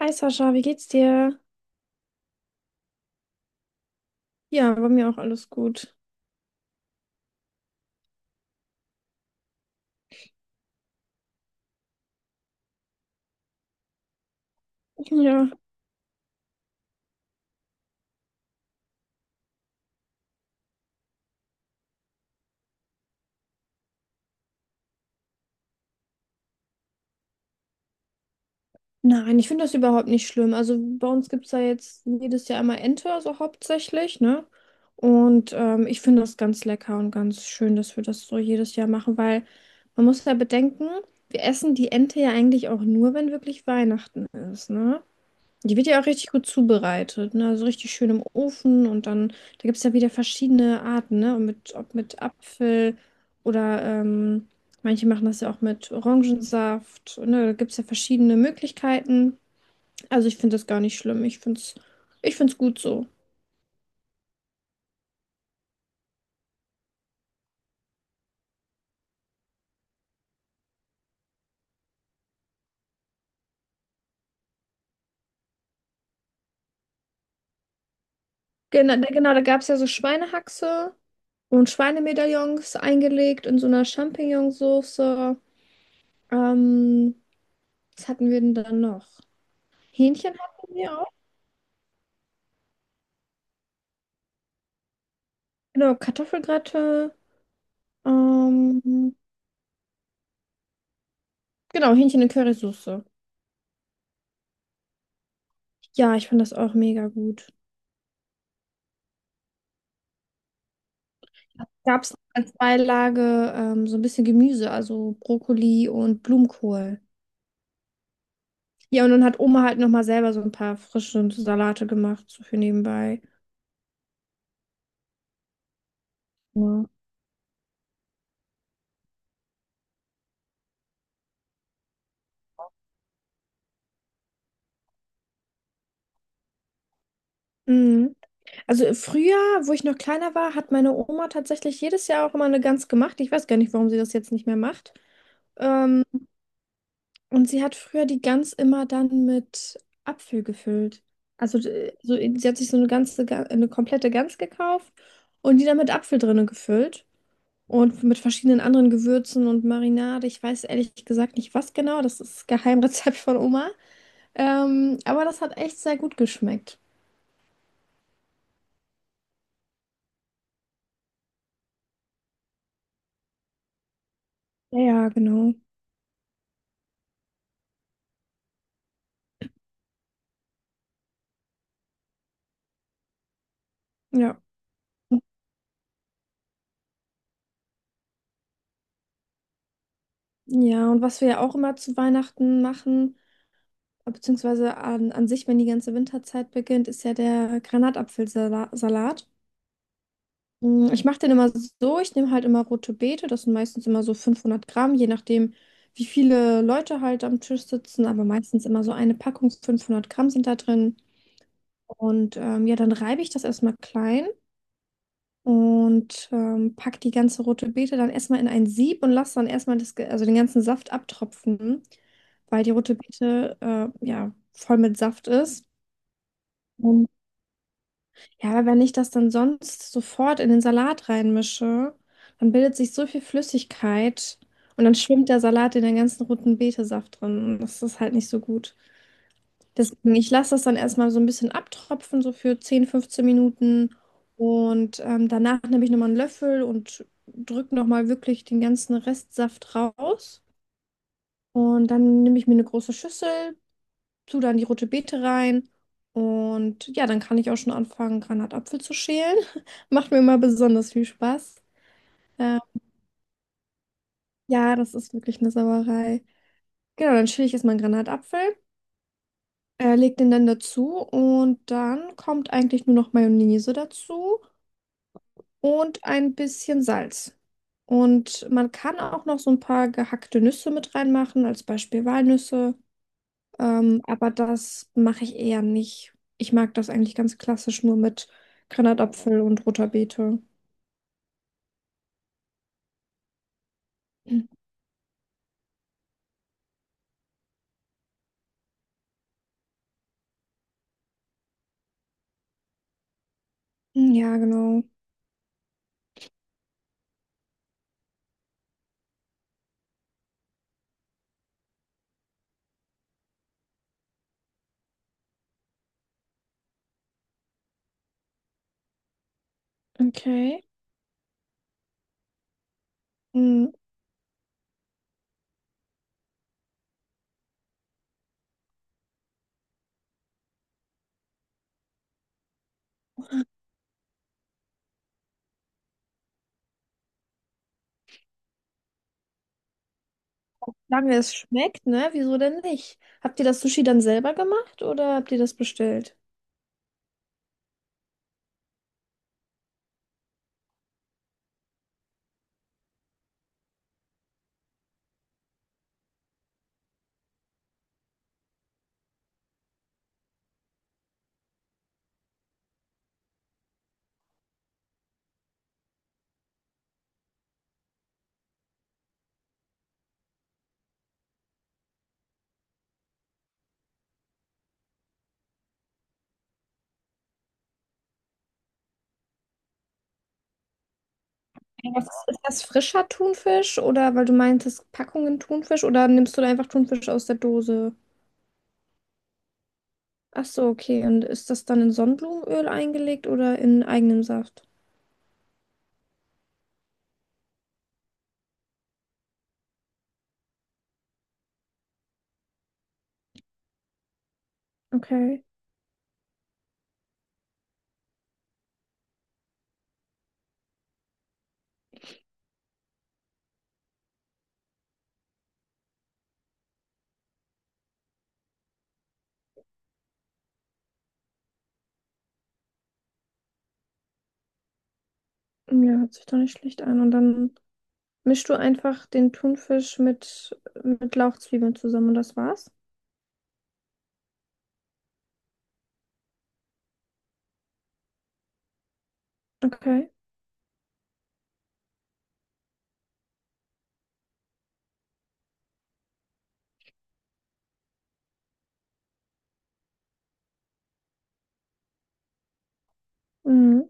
Hi Sascha, wie geht's dir? Ja, bei mir auch alles gut. Ja. Nein, ich finde das überhaupt nicht schlimm. Also bei uns gibt es ja jetzt jedes Jahr einmal Ente, also hauptsächlich, ne? Und ich finde das ganz lecker und ganz schön, dass wir das so jedes Jahr machen, weil man muss ja bedenken, wir essen die Ente ja eigentlich auch nur, wenn wirklich Weihnachten ist, ne? Die wird ja auch richtig gut zubereitet, ne? Also richtig schön im Ofen und dann, da gibt es ja wieder verschiedene Arten, ne? Und mit, ob mit Apfel oder manche machen das ja auch mit Orangensaft, ne? Da gibt es ja verschiedene Möglichkeiten. Also ich finde das gar nicht schlimm. Ich finde es gut so. Genau, da gab es ja so Schweinehaxe und Schweinemedaillons eingelegt in so einer Champignonsauce. Ähm, Was hatten wir denn dann noch? Hähnchen hatten wir auch. Genau, Kartoffelgratin. Ähm, genau, Hähnchen in Currysoße. Ja, ich fand das auch mega gut. Gab es als Beilage so ein bisschen Gemüse, also Brokkoli und Blumenkohl. Ja, und dann hat Oma halt nochmal selber so ein paar frische Salate gemacht, so für nebenbei. Ja. Mhm. Also früher, wo ich noch kleiner war, hat meine Oma tatsächlich jedes Jahr auch immer eine Gans gemacht. Ich weiß gar nicht, warum sie das jetzt nicht mehr macht. Ähm, Und sie hat früher die Gans immer dann mit Apfel gefüllt. Also so, sie hat sich so eine ganze, eine komplette Gans gekauft und die dann mit Apfel drinne gefüllt. Und mit verschiedenen anderen Gewürzen und Marinade. Ich weiß ehrlich gesagt nicht, was genau. Das ist Geheimrezept von Oma. Aber das hat echt sehr gut geschmeckt. Ja, ja, genau. Ja. Ja, und was wir ja auch immer zu Weihnachten machen, beziehungsweise an, an sich, wenn die ganze Winterzeit beginnt, ist ja der Granatapfelsalat. Ich mache den immer so, ich nehme halt immer rote Beete, das sind meistens immer so 500 Gramm, je nachdem, wie viele Leute halt am Tisch sitzen, aber meistens immer so eine Packung, 500 Gramm sind da drin. Und ja, dann reibe ich das erstmal klein und pack die ganze rote Beete dann erstmal in ein Sieb und lasse dann erstmal das, ge- also den ganzen Saft abtropfen, weil die rote Beete ja voll mit Saft ist. Ja, aber wenn ich das dann sonst sofort in den Salat reinmische, dann bildet sich so viel Flüssigkeit und dann schwimmt der Salat in den ganzen roten Betesaft drin. Und das ist halt nicht so gut. Deswegen, ich lasse das dann erstmal so ein bisschen abtropfen, so für 10, 15 Minuten. Und danach nehme ich nochmal einen Löffel und drücke nochmal wirklich den ganzen Restsaft raus. Und dann nehme ich mir eine große Schüssel, tue dann die rote Beete rein und ja, dann kann ich auch schon anfangen, Granatapfel zu schälen. Macht mir immer besonders viel Spaß. Äh, ja, das ist wirklich eine Sauerei. Genau, dann schäle ich erstmal einen Granatapfel, leg den dann dazu und dann kommt eigentlich nur noch Mayonnaise dazu und ein bisschen Salz. Und man kann auch noch so ein paar gehackte Nüsse mit reinmachen, als Beispiel Walnüsse. Aber das mache ich eher nicht. Ich mag das eigentlich ganz klassisch nur mit Granatapfel und roter Beete. Mhm. Ja, genau. Okay. Mhm. Solange es schmeckt, ne? Wieso denn nicht? Habt ihr das Sushi dann selber gemacht oder habt ihr das bestellt? Ja, was ist das frischer Thunfisch oder weil du meintest Packungen Thunfisch oder nimmst du da einfach Thunfisch aus der Dose? Ach so, okay. Und ist das dann in Sonnenblumenöl eingelegt oder in eigenem Saft? Okay. Ja, hört sich doch nicht schlecht an. Und dann mischst du einfach den Thunfisch mit Lauchzwiebeln zusammen und das war's? Okay. Mhm.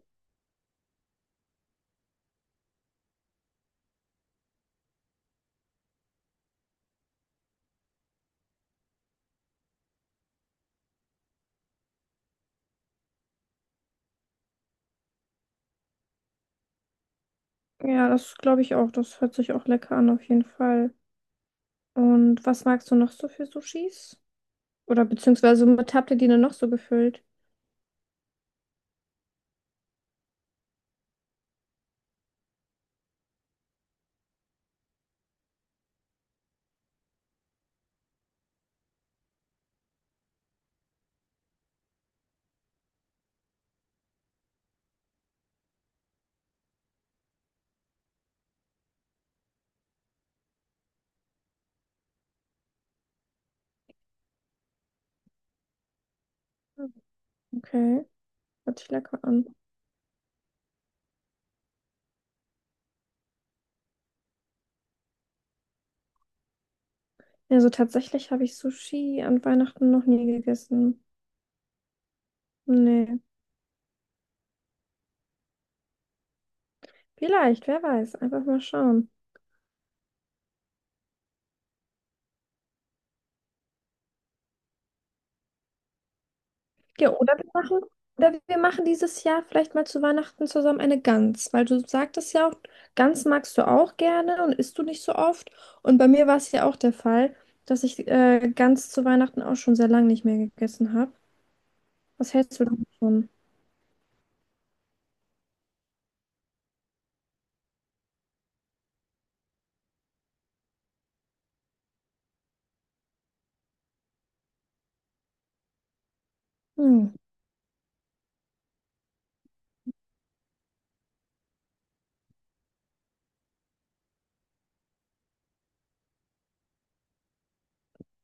Ja, das glaube ich auch. Das hört sich auch lecker an, auf jeden Fall. Und was magst du noch so für Sushis? Oder beziehungsweise mit habt ihr die denn noch so gefüllt? Okay, hört sich lecker an. Also tatsächlich habe ich Sushi an Weihnachten noch nie gegessen. Nee, vielleicht, wer weiß. Einfach mal schauen. Ja, oder wir machen dieses Jahr vielleicht mal zu Weihnachten zusammen eine Gans, weil du sagtest ja auch, Gans magst du auch gerne und isst du nicht so oft. Und bei mir war es ja auch der Fall, dass ich Gans zu Weihnachten auch schon sehr lange nicht mehr gegessen habe. Was hältst du davon? Hm.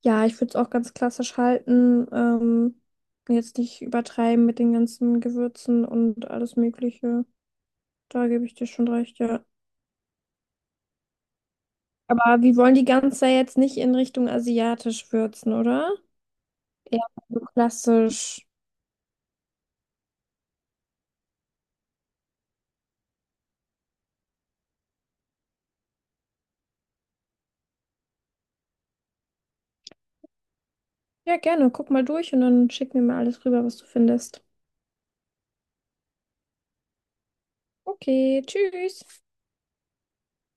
Ja, ich würde es auch ganz klassisch halten. Jetzt nicht übertreiben mit den ganzen Gewürzen und alles Mögliche. Da gebe ich dir schon recht, ja. Aber wir wollen die Gans ja jetzt nicht in Richtung asiatisch würzen, oder? Ja, so klassisch. Ja, gerne. Guck mal durch und dann schick mir mal alles rüber, was du findest. Okay, tschüss.